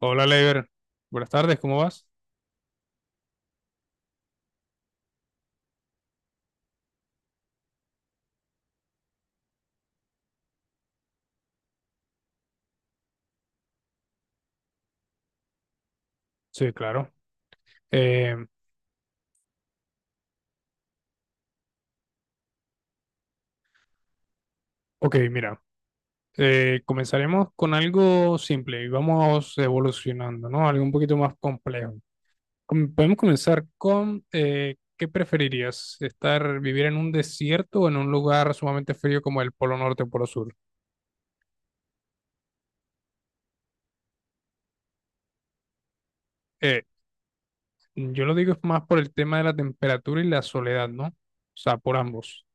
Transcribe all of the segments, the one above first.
Hola, Leiber. Buenas tardes, ¿cómo vas? Sí, claro. Eh, ok, mira, comenzaremos con algo simple y vamos evolucionando, ¿no? Algo un poquito más complejo. Podemos comenzar con, ¿qué preferirías? ¿Estar, vivir en un desierto o en un lugar sumamente frío como el Polo Norte o Polo Sur? Eh, yo lo digo es más por el tema de la temperatura y la soledad, ¿no? O sea, por ambos.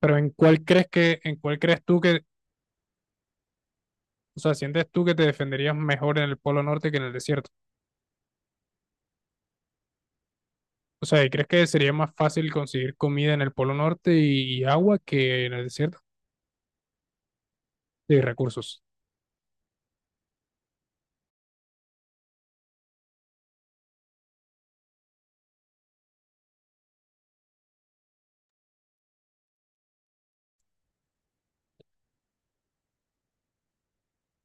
Pero ¿en cuál crees que, en cuál crees tú que, o sea, sientes tú que te defenderías mejor en el Polo Norte que en el desierto? O sea, ¿y crees que sería más fácil conseguir comida en el Polo Norte y agua que en el desierto? Y recursos.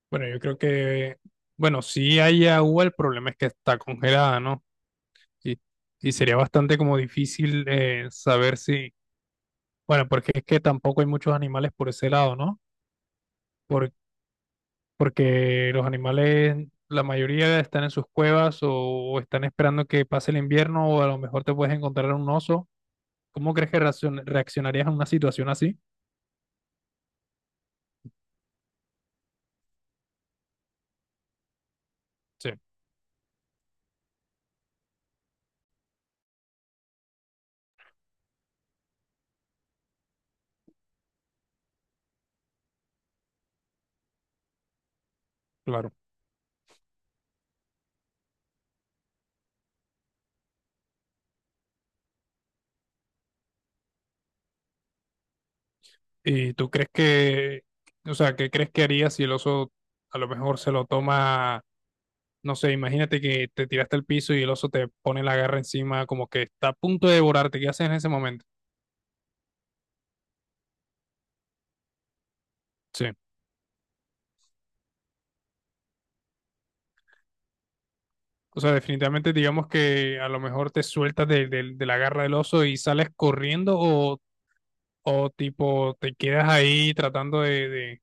Bueno, yo creo que, bueno, si hay agua, el problema es que está congelada, ¿no? Y, y sería bastante como difícil saber si, bueno, porque es que tampoco hay muchos animales por ese lado, ¿no? Por- Porque los animales, la mayoría están en sus cuevas o están esperando que pase el invierno o a lo mejor te puedes encontrar un oso. ¿Cómo crees que reaccionarías a una situación así? Sí, claro. ¿Y tú crees que, o sea, qué crees que haría si el oso a lo mejor se lo toma, no sé, imagínate que te tiraste al piso y el oso te pone la garra encima, como que está a punto de devorarte, ¿qué haces en ese momento? Sí. O sea, definitivamente digamos que a lo mejor te sueltas de, de la garra del oso y sales corriendo o tipo te quedas ahí tratando de-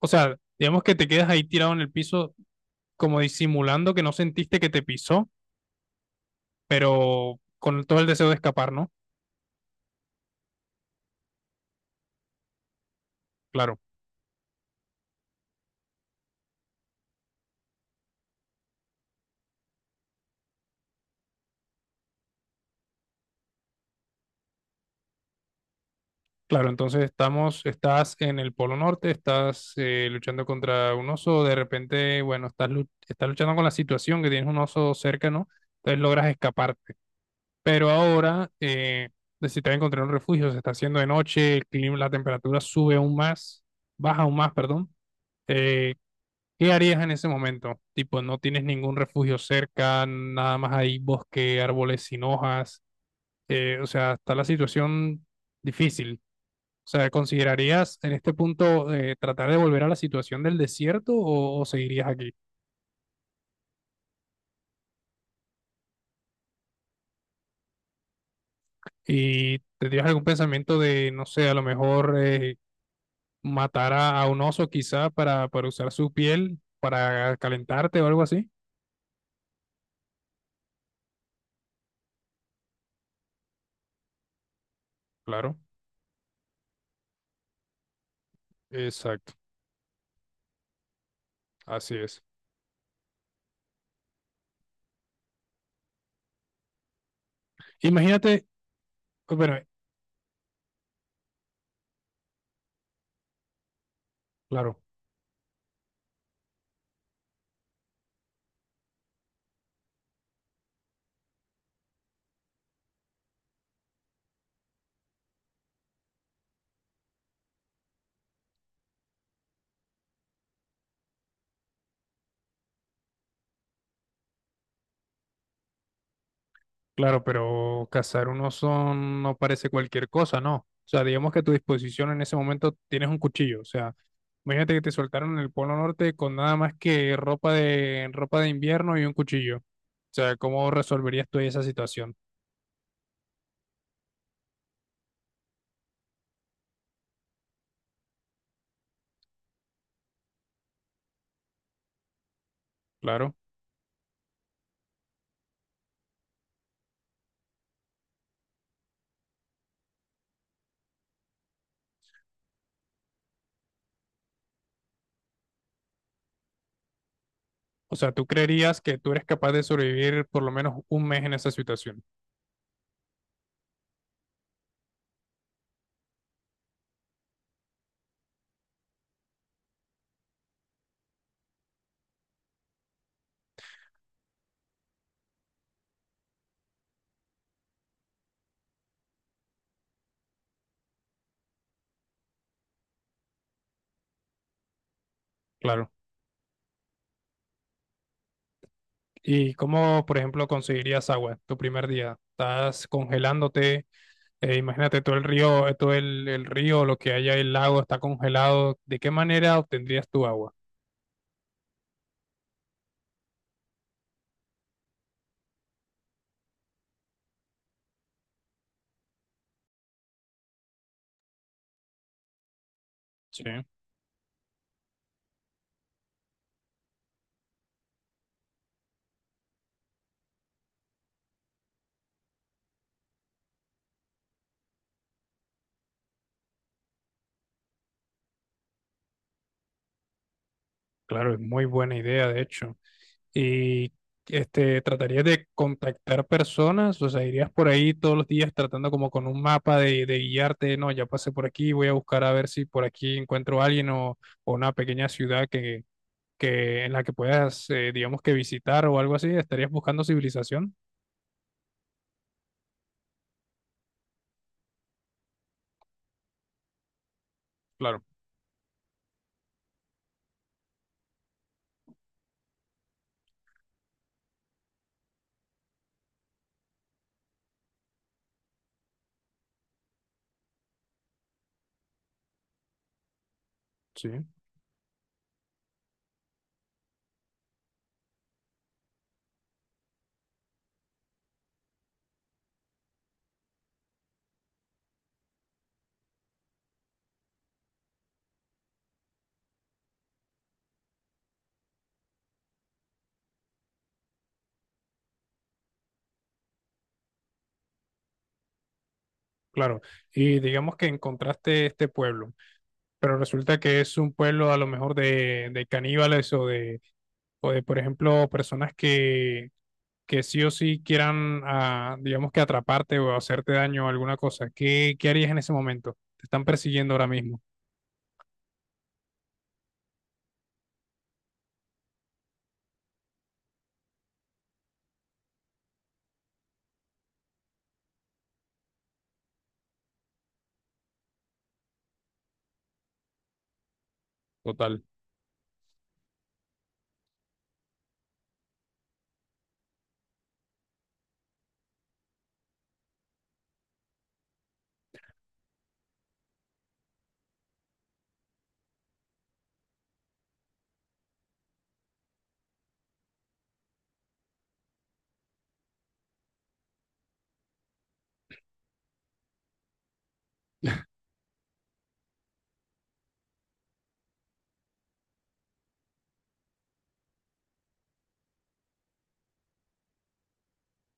o sea, digamos que te quedas ahí tirado en el piso como disimulando que no sentiste que te pisó, pero con todo el deseo de escapar, ¿no? Claro. Claro, entonces estamos, estás en el Polo Norte, estás luchando contra un oso, de repente, bueno, estás, lu- estás luchando con la situación que tienes un oso cerca, ¿no? Entonces logras escaparte. Pero ahora necesitas encontrar un refugio, se está haciendo de noche, el clima, la temperatura sube aún más, baja aún más, perdón. Eh, ¿Qué harías en ese momento? Tipo, no tienes ningún refugio cerca, nada más hay bosque, árboles sin hojas, o sea, está la situación difícil. O sea, ¿considerarías en este punto tratar de volver a la situación del desierto o seguirías aquí? ¿Y tendrías algún pensamiento de, no sé, a lo mejor matar a un oso quizá para usar su piel para calentarte o algo así? Claro, exacto, así es. Imagínate, bueno, claro. Claro, pero cazar un oso no parece cualquier cosa, ¿no? O sea, digamos que a tu disposición en ese momento tienes un cuchillo. O sea, imagínate que te soltaron en el Polo Norte con nada más que ropa de invierno y un cuchillo. O sea, ¿cómo resolverías tú esa situación? Claro. O sea, tú creerías que tú eres capaz de sobrevivir por lo menos un mes en esa situación. Claro. ¿Y cómo, por ejemplo, conseguirías agua tu primer día? ¿Estás congelándote? Imagínate todo el río, lo que haya el lago está congelado. ¿De qué manera obtendrías tu agua? Sí, claro, es muy buena idea, de hecho. Y este, tratarías de contactar personas, o sea, irías por ahí todos los días tratando como con un mapa de guiarte, no, ya pasé por aquí, voy a buscar a ver si por aquí encuentro a alguien o una pequeña ciudad que en la que puedas, digamos que visitar o algo así. ¿Estarías buscando civilización? Claro, sí. Claro, y digamos que encontraste este pueblo, pero resulta que es un pueblo a lo mejor de caníbales o de, por ejemplo, personas que sí o sí quieran, ah, digamos que atraparte o hacerte daño o alguna cosa. ¿Qué, qué harías en ese momento? Te están persiguiendo ahora mismo. Total.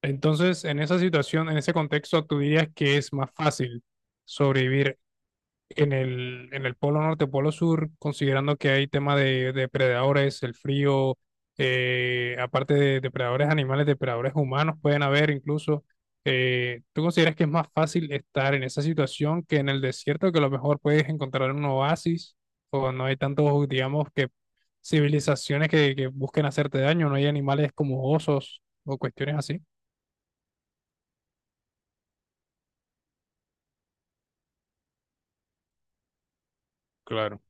Entonces, en esa situación, en ese contexto, tú dirías que es más fácil sobrevivir en el polo norte, polo sur, considerando que hay tema de depredadores, el frío, aparte de depredadores animales, depredadores humanos pueden haber incluso. ¿ Tú consideras que es más fácil estar en esa situación que en el desierto, que a lo mejor puedes encontrar un oasis o no hay tantos, digamos, que civilizaciones que busquen hacerte daño, no hay animales como osos o cuestiones así? Claro.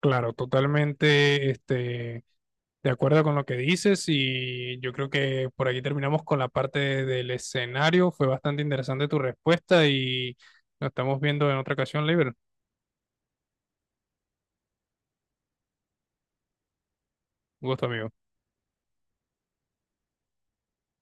Claro, totalmente este, de acuerdo con lo que dices y yo creo que por aquí terminamos con la parte del escenario. Fue bastante interesante tu respuesta y nos estamos viendo en otra ocasión, Libre. Un gusto, amigo.